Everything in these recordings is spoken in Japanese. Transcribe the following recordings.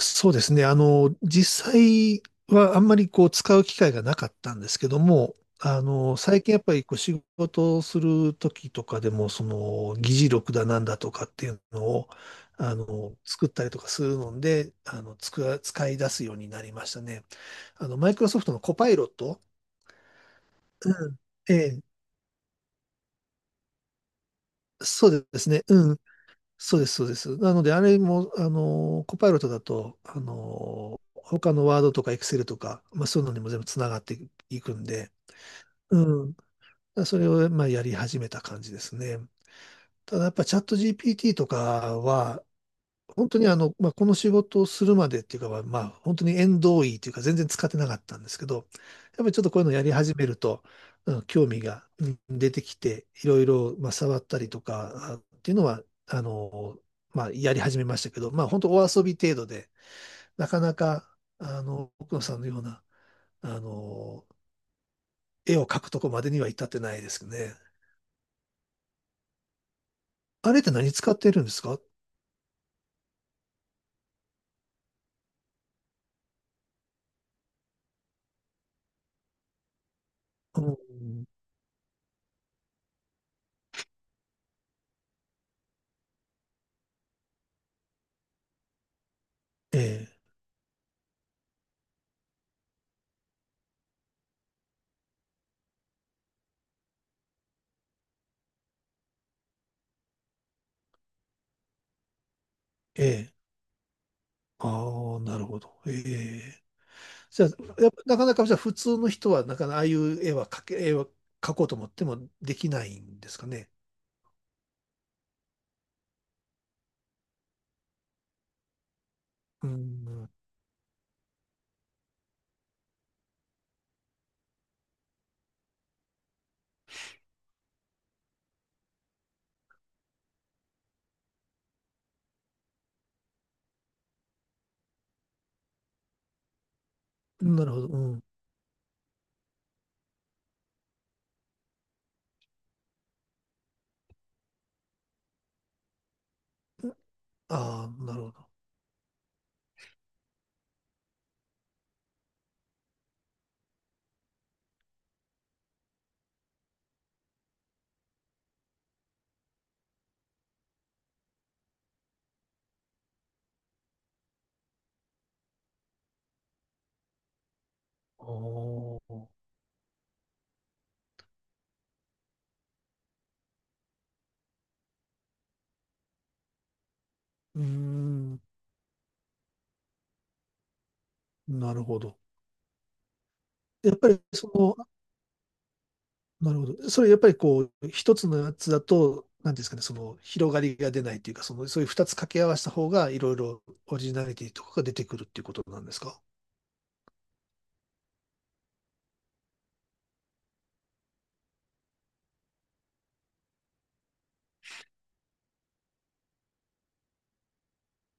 そうですね。実際はあんまりこう使う機会がなかったんですけども、最近やっぱりこう仕事をする時とかでも、その議事録だなんだとかっていうのを、作ったりとかするので、使い出すようになりましたね。マイクロソフトのコパイロット。うん。ええ、そうですね。うん。そうです、そうです。なので、あれも、コパイロットだと、他のワードとかエクセルとか、まあ、そういうのにも全部つながっていくんで、うん。それを、まあ、やり始めた感じですね。ただ、やっぱチャット GPT とかは、本当にあの、まあ、この仕事をするまでっていうかは、まあ、本当に縁遠いというか全然使ってなかったんですけど、やっぱりちょっとこういうのやり始めると、うん、興味が出てきて、いろいろ、まあ、触ったりとかあっていうのは、まあ、やり始めましたけど、まあ、本当お遊び程度で、なかなか、奥野さんのような、あの、絵を描くとこまでには至ってないですね。あれって何使ってるんですか？うん、ええ、ええ、ああ、なるほど。ええ、じゃあ、やっぱなかなかじゃあ普通の人はなかなかああいう絵は描け、絵は描こうと思ってもできないんですかね。うん、なるほど。うん。ああ、なるほど。ああ、うん、なるほど。やっぱりその、なるほど。それやっぱりこう、一つのやつだと、なんていうんですかね、その広がりが出ないというか、その、そういう二つ掛け合わせた方が、いろいろオリジナリティとかが出てくるっていうことなんですか。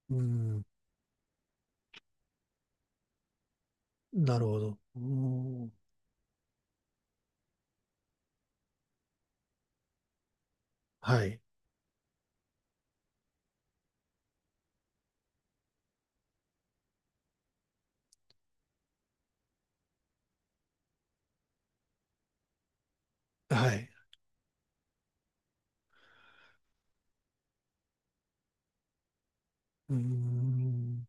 うん、なるほど。うん、はい。はい。うん、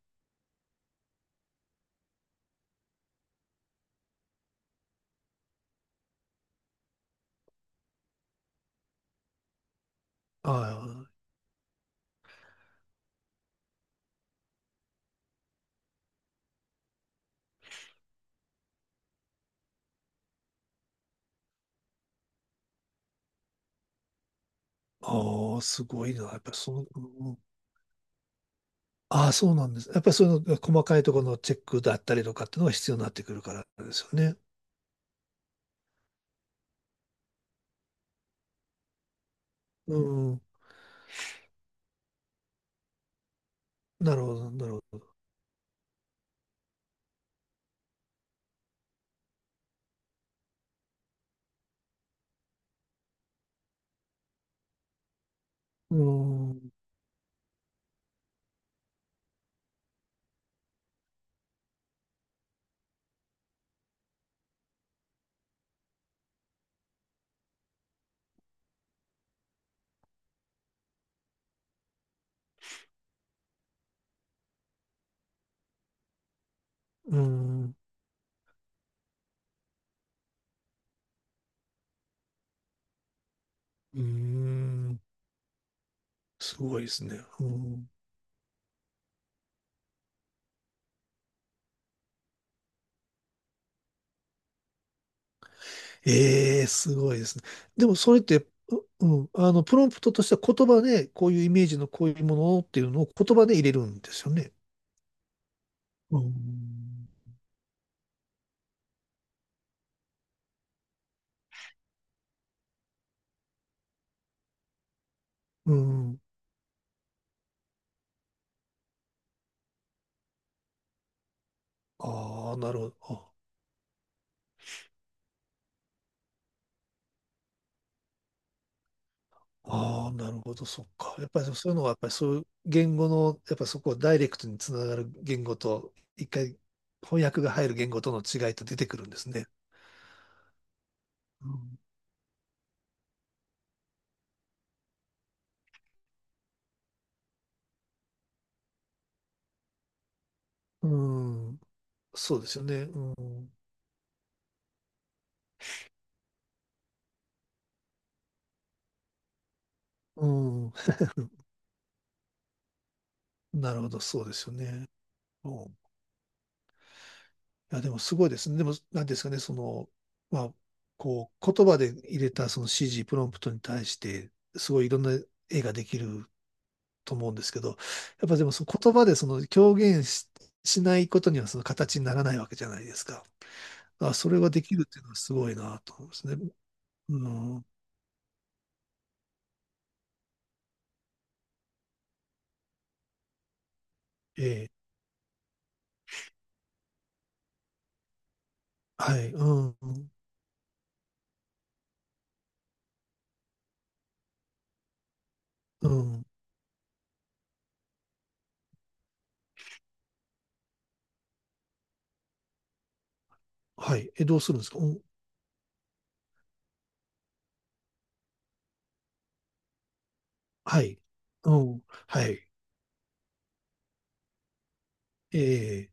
ああ、ああすごいな。やっぱりその、うん、ああ、そうなんです。やっぱりそういうの細かいところのチェックだったりとかっていうのが必要になってくるからですよね。うん。なるほど、なるほど。うん。うん。うん。すごいですね。うん。ええ、すごいですね。でもそれって、ううん。プロンプトとしては言葉で、こういうイメージのこういうものっていうのを言葉で入れるんですよね。うん。うん。ああ、なるほど。ああ、なるほど、そっか。やっぱりそういうのは、やっぱりそういう言語の、やっぱそこをダイレクトにつながる言語と、一回翻訳が入る言語との違いって出てくるんですね。うん、うん、そうですよね。うん、うん、なるほど、そうですよね。うん、いや、でもすごいですね。でも、なんですかね、その、まあ、こう、言葉で入れたその指示、プロンプトに対して、すごいいろんな絵ができると思うんですけど、やっぱでもその言葉でその表現し、しないことにはその形にならないわけじゃないですか。あ、それができるっていうのはすごいなと思うんですね。うん、ええ、はい、うん、うん、はい。え、どうするんですか？うん、はい、うん、はい、ええ、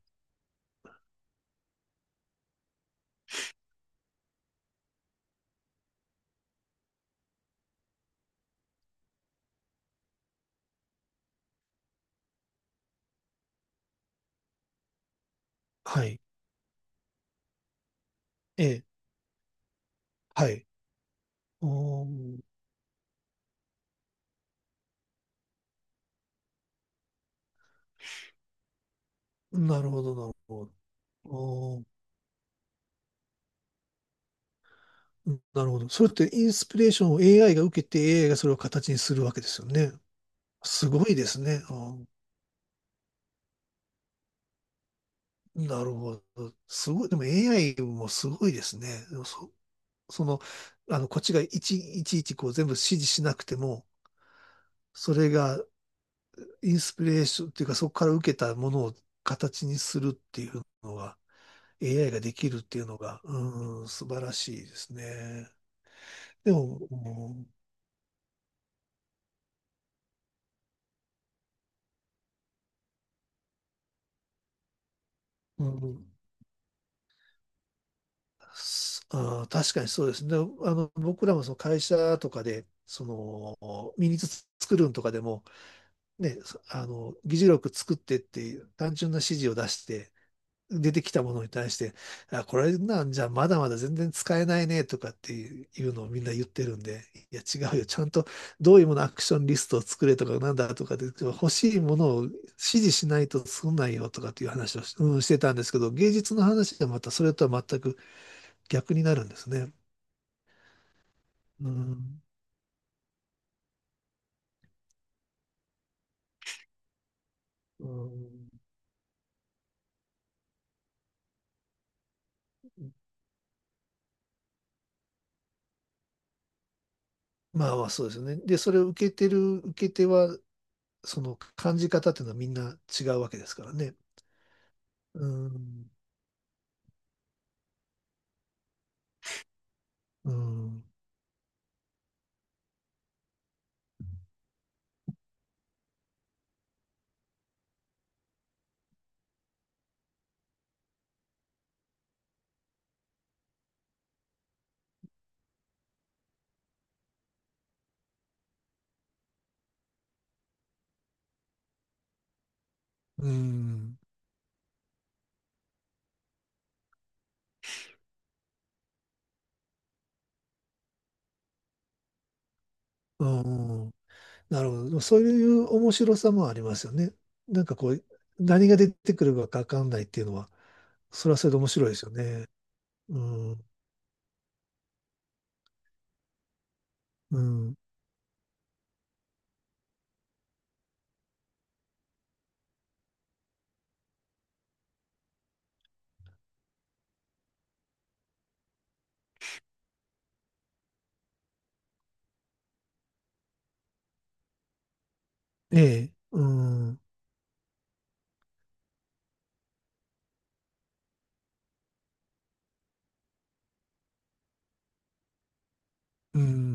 はい、ええ、はい。おー、なるほど、なるほど。おー、うん、なるほど。それってインスピレーションを AI が受けて AI がそれを形にするわけですよね。すごいですね。あ、なるほど。すごい。でも AI もすごいですね。でもそ、その、こっちがいちいちこう全部指示しなくても、それがインスピレーションっていうか、そこから受けたものを形にするっていうのが、AI ができるっていうのが、うん、素晴らしいですね。でも、うん、うん、すあー、確かにそうですね。で、僕らもその会社とかで、その、ミニツ作るんとかでも、ね、議事録作ってっていう単純な指示を出して、出てきたものに対して、あ、これなんじゃまだまだ全然使えないねとかっていうのをみんな言ってるんで、いや違うよ、ちゃんとどういうものアクションリストを作れとかなんだとかで、欲しいものを指示しないと作んないよとかっていう話をし、うん、してたんですけど、芸術の話はまたそれとは全く逆になるんですね。うん、うん、まあまあそうですね。で、それを受けてる受け手はその感じ方っていうのはみんな違うわけですからね。うん、うん、うん、うん。なるほど。そういう面白さもありますよね。なんかこう、何が出てくるかわかんないっていうのは、それはそれで面白いですよね。うん、うん、ええ、うん、うん。